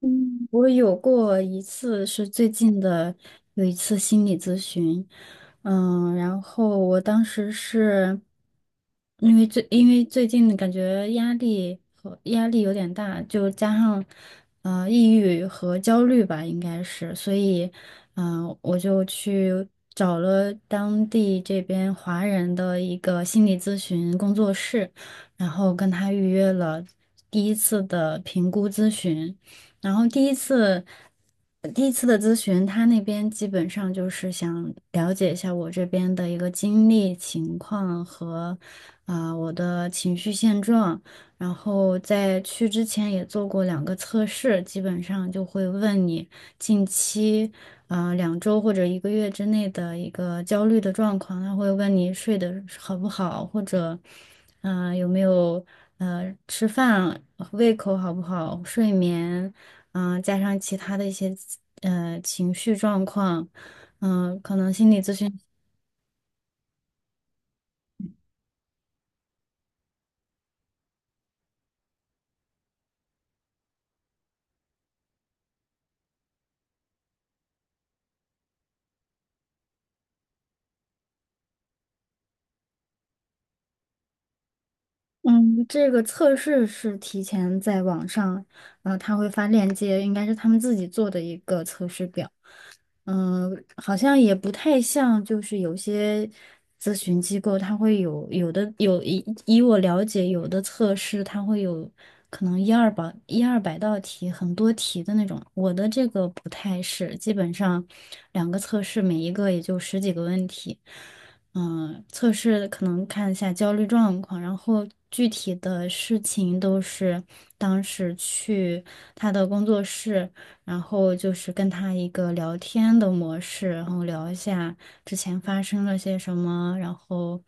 嗯，我有过一次是最近的，有一次心理咨询。嗯，然后我当时是因为最近感觉压力有点大，就加上抑郁和焦虑吧，应该是，所以我就去找了当地这边华人的一个心理咨询工作室，然后跟他预约了第一次的评估咨询。然后第一次，第一次的咨询，他那边基本上就是想了解一下我这边的一个经历情况和我的情绪现状。然后在去之前也做过两个测试，基本上就会问你近期两周或者一个月之内的一个焦虑的状况，他会问你睡得好不好，或者有没有吃饭胃口好不好，睡眠。嗯，加上其他的一些情绪状况，嗯，可能心理咨询，嗯，这个测试是提前在网上，呃，他会发链接，应该是他们自己做的一个测试表。嗯，好像也不太像，就是有些咨询机构它会有,以我了解，有的测试它会有可能一二百道题，很多题的那种。我的这个不太是，基本上两个测试，每一个也就十几个问题。嗯，测试可能看一下焦虑状况，然后具体的事情都是当时去他的工作室。然后就是跟他一个聊天的模式，然后聊一下之前发生了些什么，然后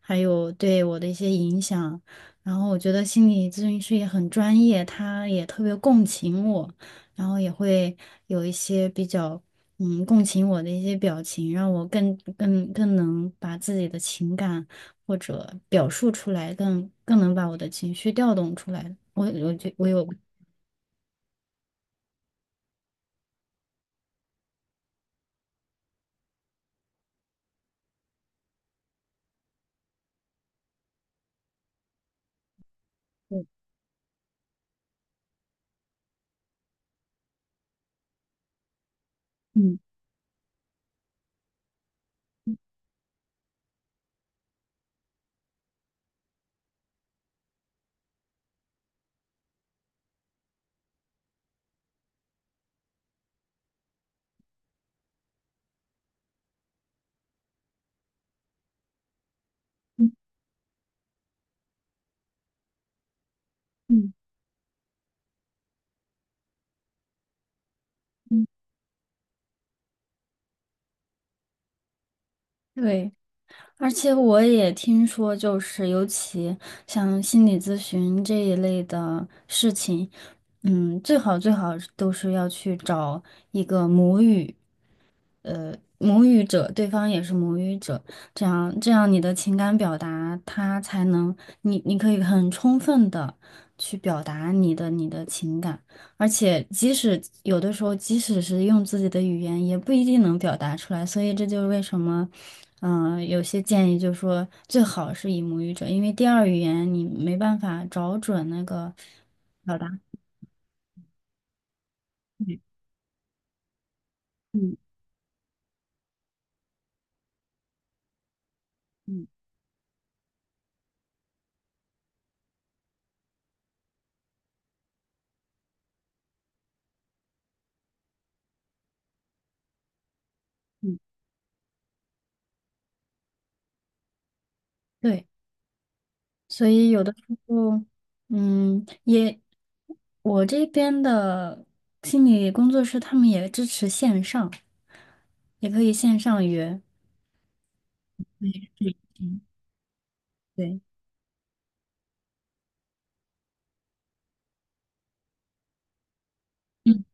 还有对我的一些影响。然后我觉得心理咨询师也很专业，他也特别共情我，然后也会有一些比较共情我的一些表情，让我更能把自己的情感或者表述出来，更能把我的情绪调动出来。我觉有嗯嗯嗯嗯。嗯，对，而且我也听说，就是尤其像心理咨询这一类的事情，嗯，最好都是要去找一个母语。母语者，对方也是母语者，这样你的情感表达，他才能你可以很充分的去表达你的情感，而且即使有的时候，即使是用自己的语言，也不一定能表达出来，所以这就是为什么。嗯，有些建议就是说最好是以母语者，因为第二语言你没办法找准那个表达。嗯，嗯，嗯，对。所以有的时候，嗯，也，我这边的心理工作室他们也支持线上，也可以线上约。对，对，嗯，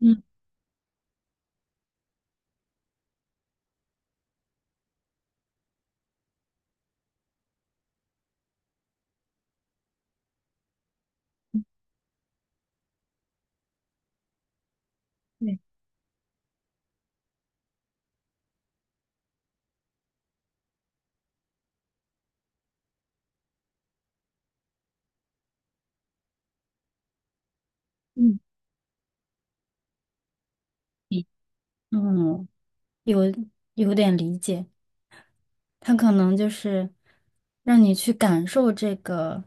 嗯，对，嗯，嗯，嗯，有有点理解，他可能就是让你去感受这个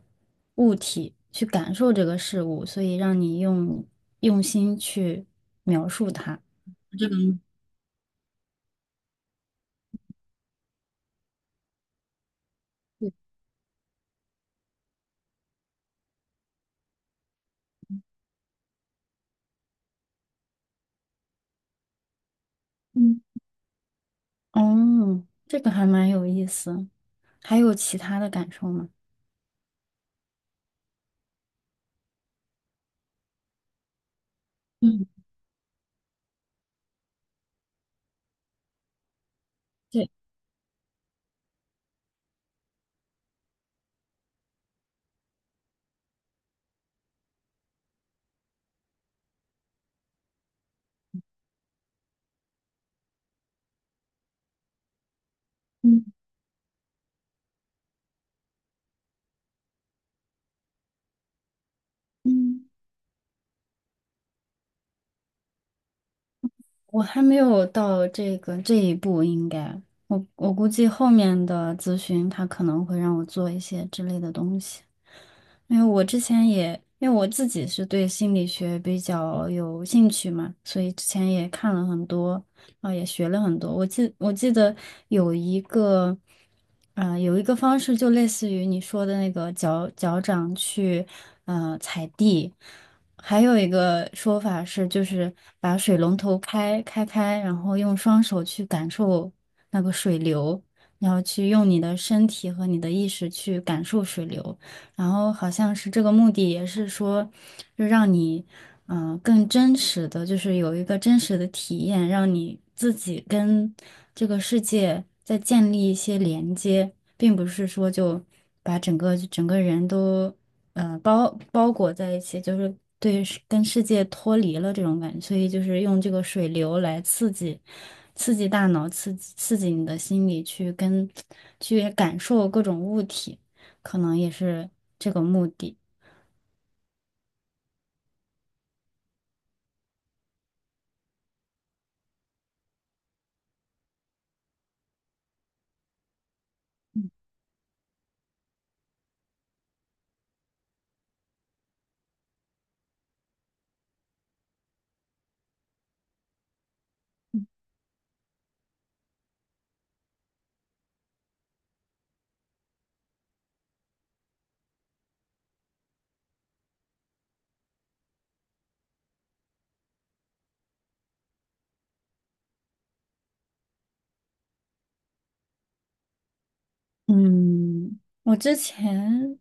物体，去感受这个事物，所以让你用用心去描述它。嗯，哦，这个还蛮有意思。还有其他的感受吗？嗯，对，嗯，嗯，我还没有到这一步，应该我估计后面的咨询他可能会让我做一些之类的东西，因为我之前也因为我自己是对心理学比较有兴趣嘛，所以之前也看了很多，也学了很多。我记得有一个，有一个方式就类似于你说的那个脚掌去踩地。还有一个说法是，就是把水龙头开开，然后用双手去感受那个水流，然后去用你的身体和你的意识去感受水流，然后好像是这个目的也是说，就让你，更真实的，就是有一个真实的体验，让你自己跟这个世界再建立一些连接，并不是说就把整个人都。包裹在一起，就是对世跟世界脱离了这种感觉，所以就是用这个水流来刺激大脑，刺激你的心理去跟去感受各种物体，可能也是这个目的。嗯，我之前，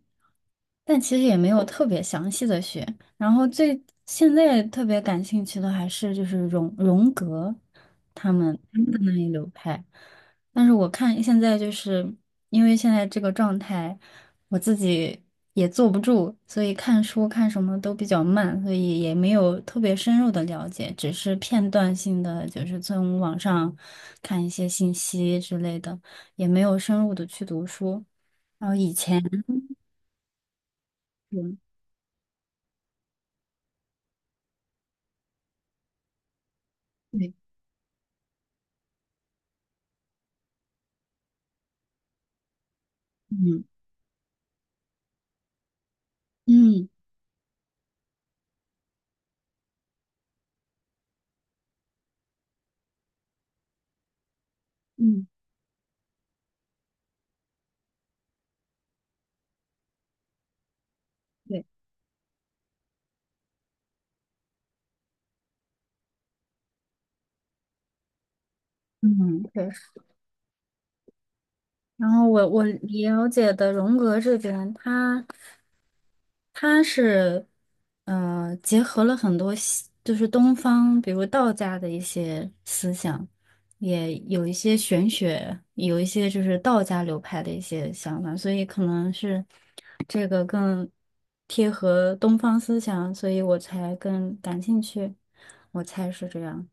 但其实也没有特别详细的学。然后最现在特别感兴趣的还是就是荣格他们的那一流派。但是我看现在就是因为现在这个状态，我自己也坐不住，所以看书看什么都比较慢，所以也没有特别深入的了解，只是片段性的，就是从网上看一些信息之类的。也没有深入的去读书。然后以前嗯，对，嗯，嗯，嗯，对，嗯，确实。然后我了解的荣格这边，他是结合了很多西就是东方，比如道家的一些思想，也有一些玄学，有一些就是道家流派的一些想法，所以可能是。贴合东方思想，所以我才更感兴趣，我猜是这样。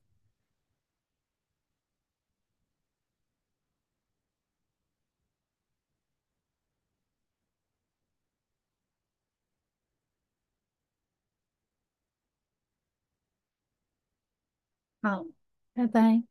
好，拜拜。